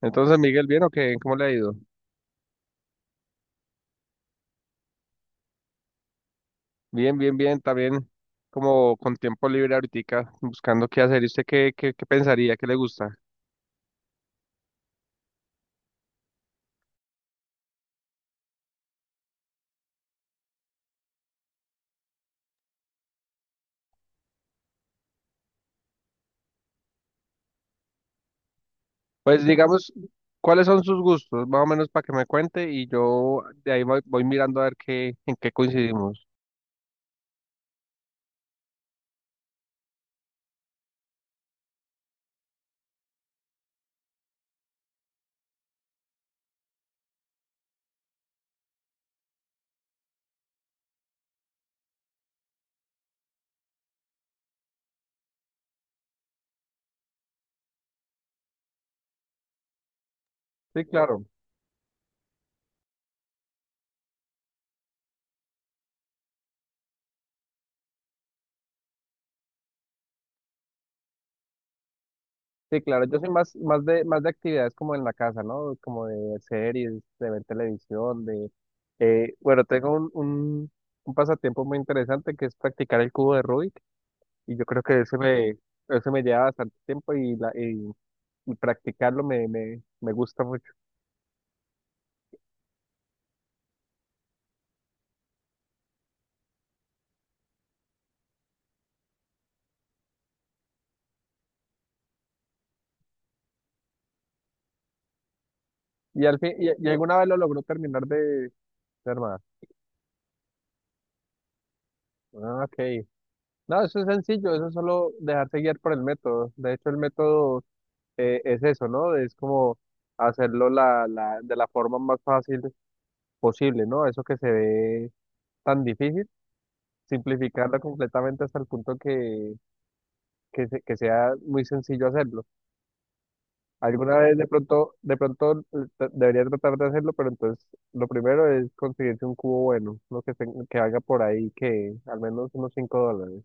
Entonces, Miguel, ¿bien o qué? ¿Cómo le ha ido? Bien, bien, bien, también como con tiempo libre ahorita, buscando qué hacer. ¿Y usted qué pensaría? ¿Qué le gusta? Pues digamos, ¿cuáles son sus gustos? Más o menos para que me cuente y yo de ahí voy mirando a ver qué, en qué coincidimos. Sí, claro, sí, claro. Yo soy más, más de actividades como en la casa, ¿no? Como de series, de ver televisión, de... bueno, tengo un pasatiempo muy interesante que es practicar el cubo de Rubik. Y yo creo que eso me lleva bastante tiempo y y practicarlo me gusta mucho. Y al y alguna vez lo logró terminar de armar. Ah, ok. No, eso es sencillo, eso es solo dejarse guiar por el método. De hecho, el método es eso, ¿no? Es como hacerlo de la forma más fácil posible, ¿no? Eso que se ve tan difícil, simplificarlo completamente hasta el punto que que sea muy sencillo hacerlo. Alguna vez de pronto debería tratar de hacerlo, pero entonces lo primero es conseguirse un cubo bueno, lo que haga por ahí, que al menos unos $5.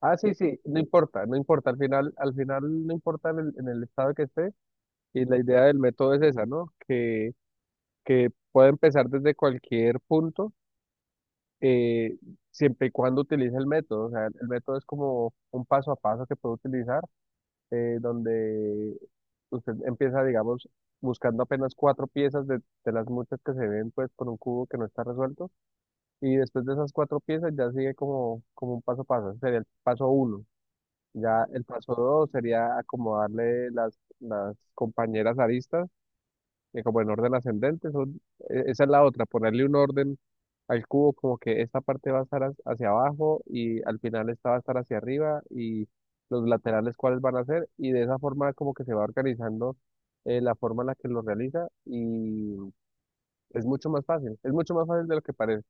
Ah, sí, sí, no importa, no importa, al final no importa en el estado que esté, y la idea del método es esa, ¿no? Que pueda empezar desde cualquier punto, eh, siempre y cuando utilice el método, o sea, el método es como un paso a paso que puede utilizar donde usted empieza, digamos, buscando apenas cuatro piezas de las muchas que se ven, pues, con un cubo que no está resuelto, y después de esas cuatro piezas ya sigue como, como un paso a paso, ese sería el paso uno. Ya el paso dos sería acomodarle las compañeras aristas como en orden ascendente, esa es la otra, ponerle un orden al cubo como que esta parte va a estar hacia abajo y al final esta va a estar hacia arriba y los laterales cuáles van a ser y de esa forma como que se va organizando la forma en la que lo realiza y es mucho más fácil, es mucho más fácil de lo que parece.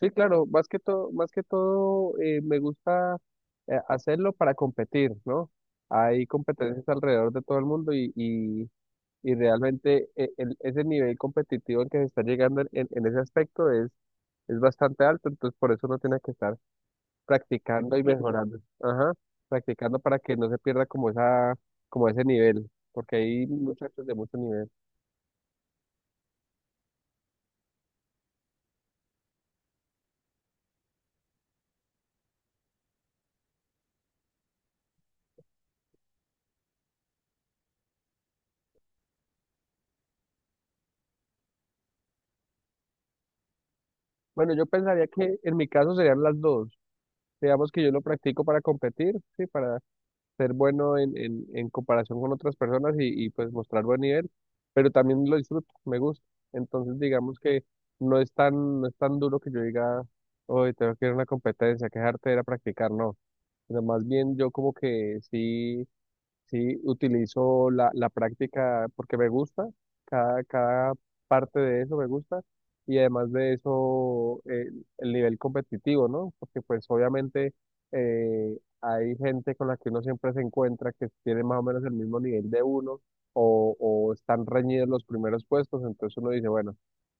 Sí, claro, más que todo me gusta hacerlo para competir, ¿no? Hay competencias alrededor de todo el mundo y realmente ese nivel competitivo al que se está llegando en ese aspecto es bastante alto, entonces por eso uno tiene que estar practicando y mejorando. Ajá, practicando para que no se pierda como como ese nivel, porque hay muchachos de mucho nivel. Bueno, yo pensaría que en mi caso serían las dos. Digamos que yo lo practico para competir, sí, para ser bueno en comparación con otras personas y pues mostrar buen nivel, pero también lo disfruto, me gusta. Entonces digamos que no es tan duro que yo diga, hoy tengo que ir a una competencia, quejarte era practicar, no. Pero más bien yo como que sí. Sí, utilizo la práctica porque me gusta, cada parte de eso me gusta y además de eso el nivel competitivo, ¿no? Porque pues obviamente hay gente con la que uno siempre se encuentra que tiene más o menos el mismo nivel de uno o están reñidos los primeros puestos, entonces uno dice, bueno,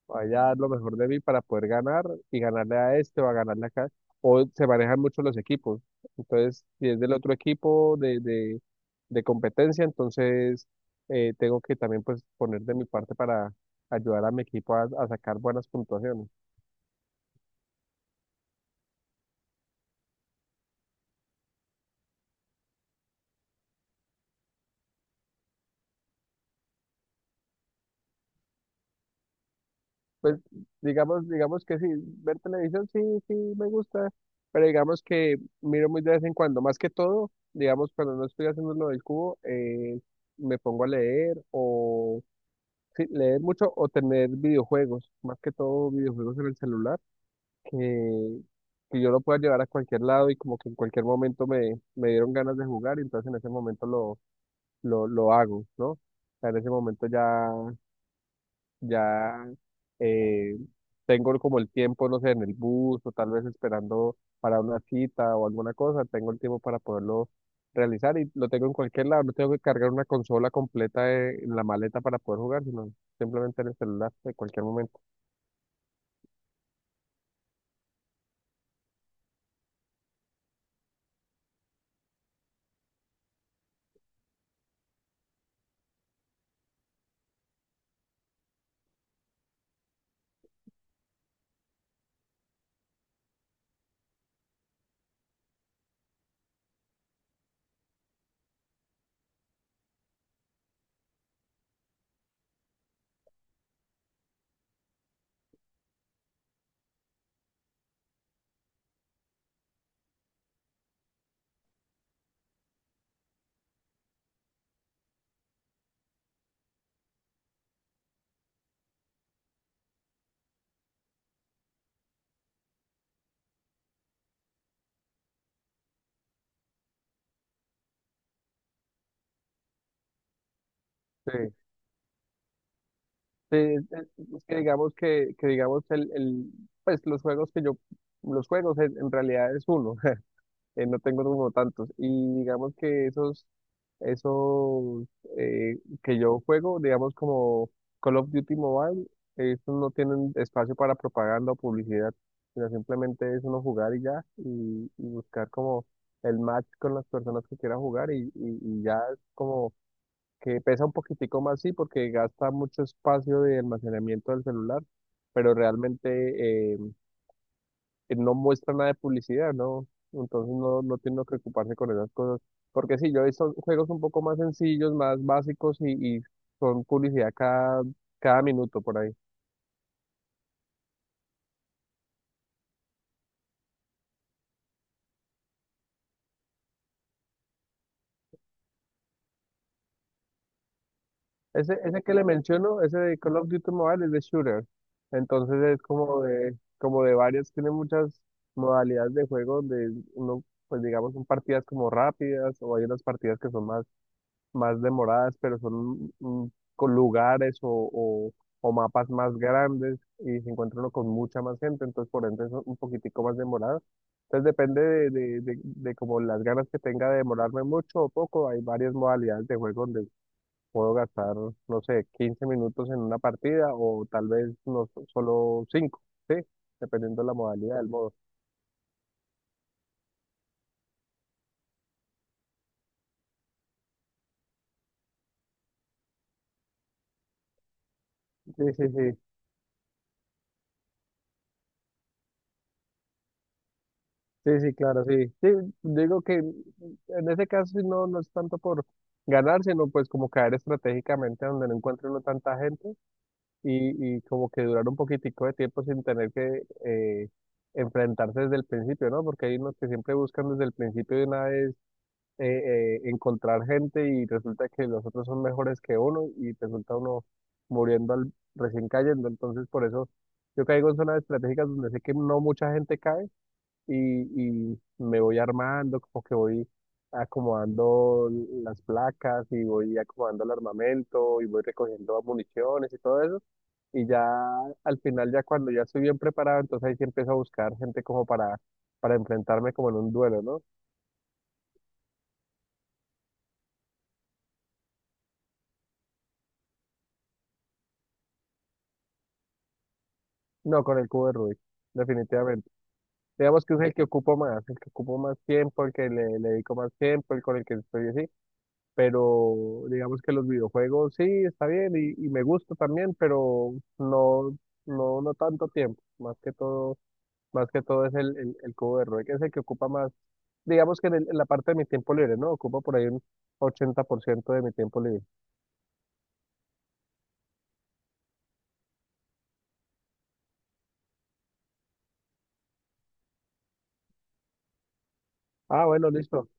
vaya a dar lo mejor de mí para poder ganar y ganarle a este o a ganarle acá. O se manejan mucho los equipos. Entonces, si es del otro equipo de competencia, entonces tengo que también pues poner de mi parte para ayudar a mi equipo a sacar buenas puntuaciones. Pues digamos, digamos que sí, ver televisión sí, sí me gusta, pero digamos que miro muy de vez en cuando, más que todo, digamos cuando no estoy haciendo lo del cubo, me pongo a leer o sí, leer mucho o tener videojuegos, más que todo videojuegos en el celular, que, que yo lo pueda llevar a cualquier lado y como que en cualquier momento me dieron ganas de jugar y entonces en ese momento lo hago, ¿no? O sea, en ese momento ya ya eh, tengo como el tiempo, no sé, en el bus o tal vez esperando para una cita o alguna cosa, tengo el tiempo para poderlo realizar y lo tengo en cualquier lado, no tengo que cargar una consola completa en la maleta para poder jugar, sino simplemente en el celular en cualquier momento. Sí, sí, es es que digamos que pues los juegos que yo, los juegos en realidad es uno, no tengo como tantos. Y digamos que esos que yo juego, digamos como Call of Duty Mobile, estos no tienen espacio para propaganda o publicidad, sino simplemente es uno jugar y ya, y buscar como el match con las personas que quiera jugar y ya es como que pesa un poquitico más, sí, porque gasta mucho espacio de almacenamiento del celular, pero realmente... no muestra nada de publicidad, ¿no? Entonces no, no tiene que ocuparse con esas cosas. Porque sí, yo he visto juegos un poco más sencillos, más básicos y son publicidad cada minuto por ahí. Ese que le menciono, ese de Call of Duty Mobile es de shooter. Entonces es como como de varias, tiene muchas modalidades de juego donde uno, pues digamos, son partidas como rápidas o hay unas partidas que son más demoradas, pero son con lugares o mapas más grandes y se encuentra uno con mucha más gente, entonces por ende es un poquitico más demorado. Entonces depende de como las ganas que tenga de demorarme mucho o poco. Hay varias modalidades de juego donde puedo gastar, no sé, 15 minutos en una partida o tal vez no so- solo 5 ¿sí? Dependiendo de la modalidad del modo. Sí, sí, sí, sí, sí, claro, sí. Sí, digo que en ese caso sí no, no es tanto por ganar, sino pues como caer estratégicamente donde no encuentre uno tanta gente y como que durar un poquitico de tiempo sin tener que enfrentarse desde el principio, ¿no? Porque hay unos que siempre buscan desde el principio de una vez encontrar gente y resulta que los otros son mejores que uno y resulta uno muriendo recién cayendo. Entonces por eso yo caigo en zonas estratégicas donde sé que no mucha gente cae y me voy armando, como que voy acomodando las placas y voy acomodando el armamento y voy recogiendo municiones y todo eso. Y ya al final, ya cuando ya estoy bien preparado, entonces ahí sí empiezo a buscar gente como para enfrentarme como en un duelo, ¿no? No, con el cubo de Rubik, definitivamente. Digamos que es el que ocupo más, el que ocupo más tiempo, el que le dedico más tiempo, el con el que estoy así. Pero digamos que los videojuegos sí, está bien y me gusta también, pero no tanto tiempo, más que todo es el cubo de Rubik, es el que ocupa más, digamos que en la parte de mi tiempo libre, ¿no? Ocupa por ahí un 80% de mi tiempo libre. Ah, bueno, listo.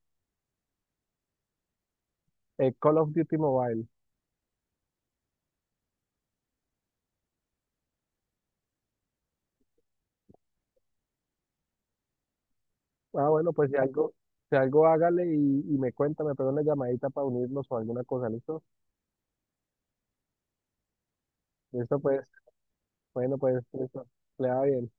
Call of Duty Mobile. Ah, bueno, pues si algo, si algo hágale y me cuenta, me pega una llamadita para unirnos o alguna cosa, ¿listo? Listo, pues, bueno, pues, listo. Le va bien.